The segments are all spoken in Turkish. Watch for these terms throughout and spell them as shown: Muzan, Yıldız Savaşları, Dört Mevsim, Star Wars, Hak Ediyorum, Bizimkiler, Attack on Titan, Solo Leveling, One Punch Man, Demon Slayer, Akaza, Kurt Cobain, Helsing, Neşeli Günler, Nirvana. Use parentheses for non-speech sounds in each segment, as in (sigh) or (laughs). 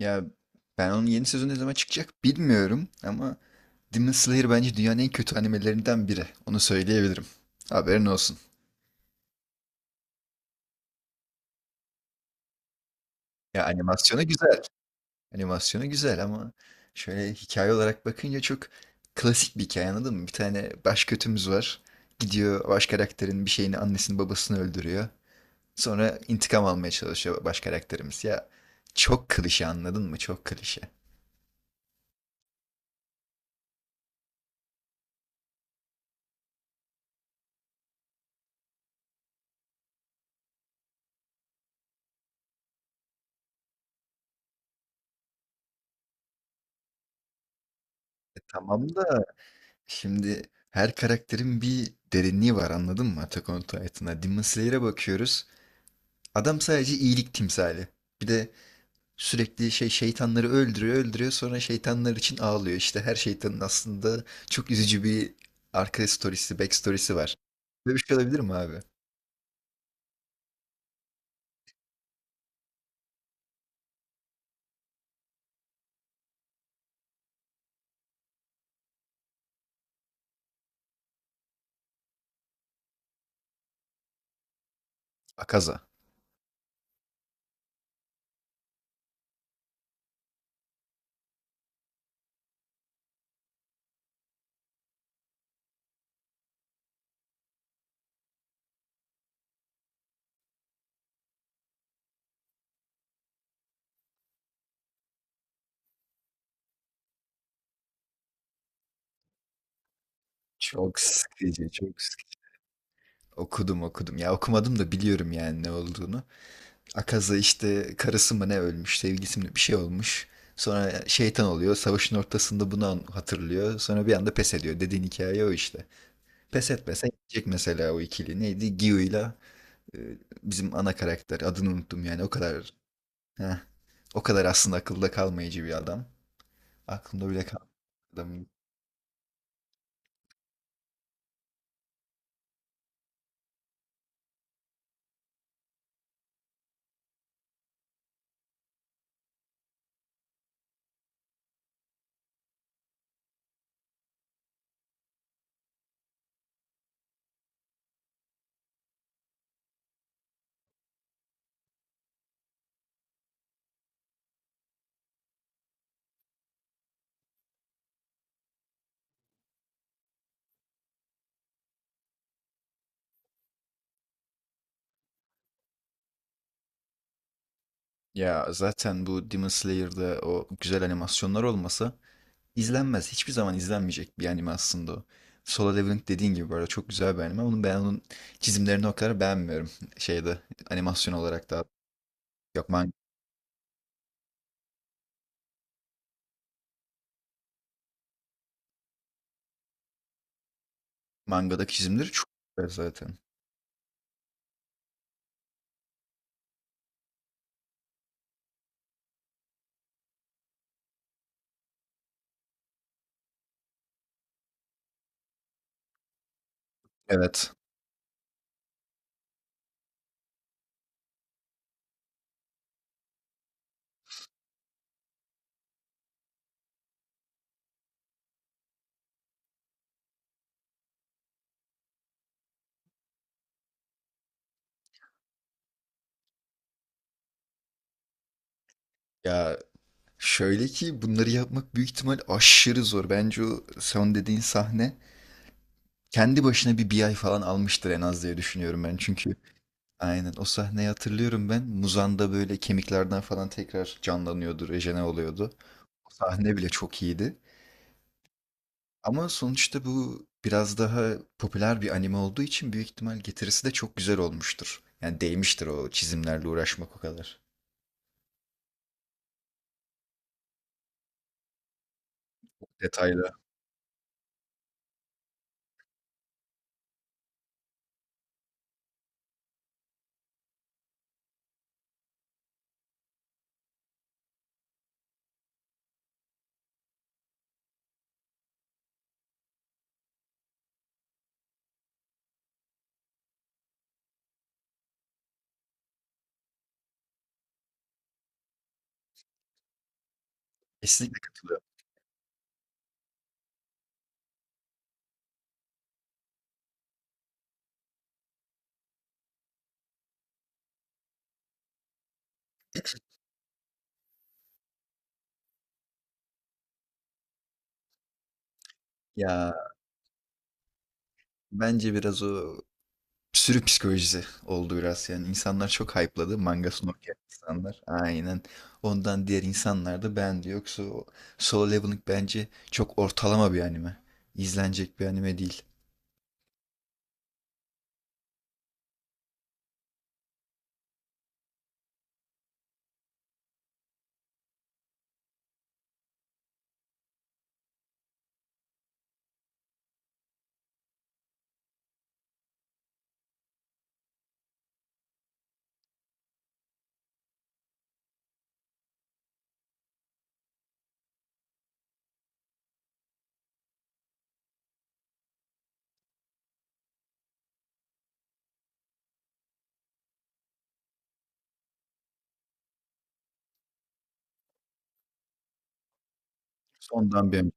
Ya ben onun yeni sezonu ne zaman çıkacak bilmiyorum ama Demon Slayer bence dünyanın en kötü animelerinden biri. Onu söyleyebilirim. Haberin olsun. Ya animasyonu güzel. Animasyonu güzel ama şöyle hikaye olarak bakınca çok klasik bir hikaye anladın mı? Bir tane baş kötümüz var. Gidiyor baş karakterin bir şeyini annesini babasını öldürüyor. Sonra intikam almaya çalışıyor baş karakterimiz. Ya çok klişe anladın mı? Çok klişe. Tamam da şimdi her karakterin bir derinliği var anladın mı Attack on Titan'a? Demon Slayer'e bakıyoruz. Adam sadece iyilik timsali. Bir de sürekli şey şeytanları öldürüyor öldürüyor sonra şeytanlar için ağlıyor. İşte her şeytanın aslında çok üzücü bir arka storiesi, backstory'si var. Böyle bir şey olabilir mi abi? Akaza. Çok sıkıcı, çok sıkıcı. Okudum okudum. Ya okumadım da biliyorum yani ne olduğunu. Akaza işte karısı mı ne ölmüş, sevgilisi mi bir şey olmuş. Sonra şeytan oluyor. Savaşın ortasında bunu hatırlıyor. Sonra bir anda pes ediyor. Dediğin hikaye o işte. Pes etmese gidecek mesela o ikili. Neydi? Gyu'yla e, bizim ana karakter. Adını unuttum yani. O kadar heh, o kadar aslında akılda kalmayıcı bir adam. Aklımda bile kal adam. Ya zaten bu Demon Slayer'da o güzel animasyonlar olmasa izlenmez. Hiçbir zaman izlenmeyecek bir anime aslında o. Solo Leveling dediğin gibi bu arada çok güzel bir anime. Onun ben onun çizimlerini o kadar beğenmiyorum. (laughs) Şeyde animasyon olarak da. Yok, mangadaki çizimleri çok güzel zaten. Evet. Ya şöyle ki bunları yapmak büyük ihtimal aşırı zor. Bence o son dediğin sahne kendi başına bir ay falan almıştır en az diye düşünüyorum ben. Çünkü aynen o sahneyi hatırlıyorum ben. Muzan'da böyle kemiklerden falan tekrar canlanıyordu, rejene oluyordu. O sahne bile çok iyiydi. Ama sonuçta bu biraz daha popüler bir anime olduğu için büyük ihtimal getirisi de çok güzel olmuştur. Yani değmiştir o çizimlerle uğraşmak o kadar. Detaylı. Kesinlikle katılıyorum. Ya bence biraz o sürü psikolojisi oldu biraz. Yani insanlar çok hype'ladı. Mangasını okuyan insanlar. Aynen. Ondan diğer insanlar da beğendi. Yoksa o Solo Leveling bence çok ortalama bir anime. İzlenecek bir anime değil. Ondan bir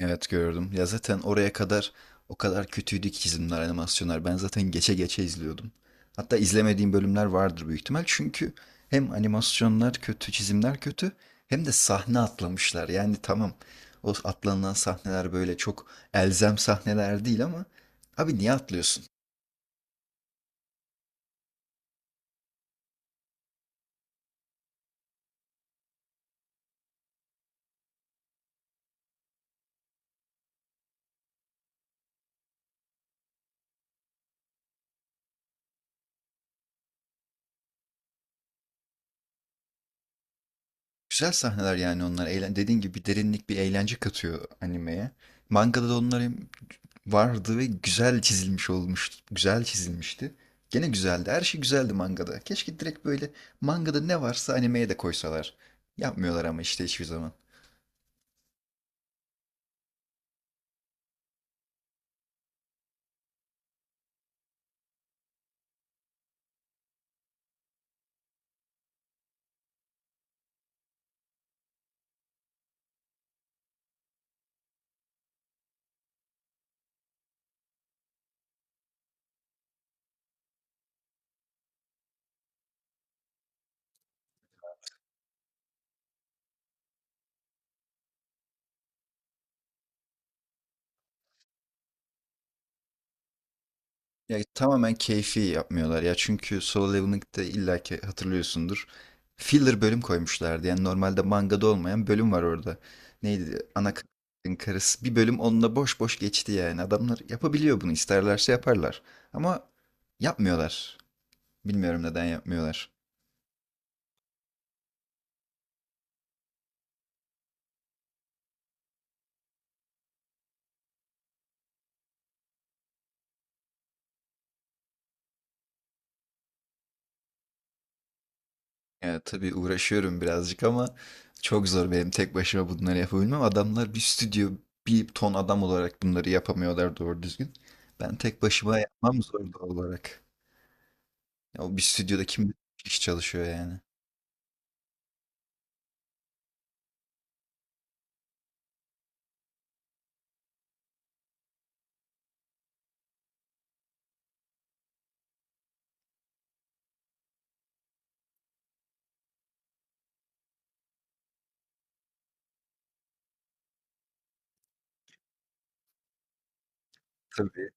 Evet, gördüm. Ya zaten oraya kadar o kadar kötüydü ki çizimler, animasyonlar. Ben zaten geçe geçe izliyordum. Hatta izlemediğim bölümler vardır büyük ihtimal. Çünkü hem animasyonlar kötü, çizimler kötü hem de sahne atlamışlar. Yani tamam o atlanılan sahneler böyle çok elzem sahneler değil ama abi niye atlıyorsun? Güzel sahneler yani onlar. Dediğin gibi bir derinlik, bir eğlence katıyor animeye. Mangada da onlar hem vardı ve güzel çizilmiş olmuştu. Güzel çizilmişti. Gene güzeldi. Her şey güzeldi mangada. Keşke direkt böyle mangada ne varsa animeye de koysalar. Yapmıyorlar ama işte hiçbir zaman. Ya tamamen keyfi yapmıyorlar ya çünkü Solo Leveling'de illa ki hatırlıyorsundur. Filler bölüm koymuşlardı. Yani normalde mangada olmayan bölüm var orada. Neydi? Ana karakterin karısı. Bir bölüm onunla boş boş geçti yani. Adamlar yapabiliyor bunu. İsterlerse yaparlar. Ama yapmıyorlar. Bilmiyorum neden yapmıyorlar. Ya tabii uğraşıyorum birazcık ama çok zor benim tek başıma bunları yapabilmem. Adamlar bir stüdyo, bir ton adam olarak bunları yapamıyorlar doğru düzgün. Ben tek başıma yapmam zor doğal olarak. Ya o bir stüdyoda kim kişi çalışıyor yani. Tabii.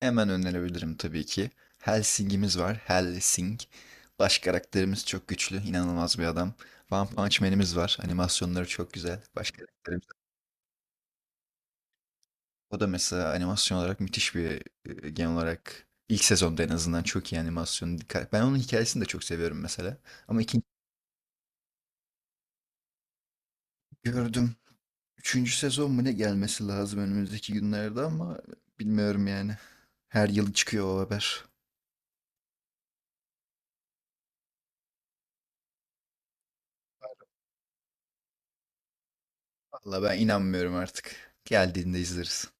Hemen önerebilirim tabii ki. Helsing'imiz var. Helsing. Baş karakterimiz çok güçlü. İnanılmaz bir adam. One Punch Man'imiz var. Animasyonları çok güzel. Baş karakterimiz. O da mesela animasyon olarak müthiş bir genel olarak ilk sezonda en azından çok iyi animasyon. Ben onun hikayesini de çok seviyorum mesela. Ama ikinci Gördüm. Üçüncü sezon mu ne gelmesi lazım önümüzdeki günlerde ama bilmiyorum yani. Her yıl çıkıyor o haber. Valla ben inanmıyorum artık. Geldiğinde izleriz.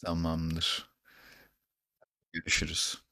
Tamamdır. Görüşürüz.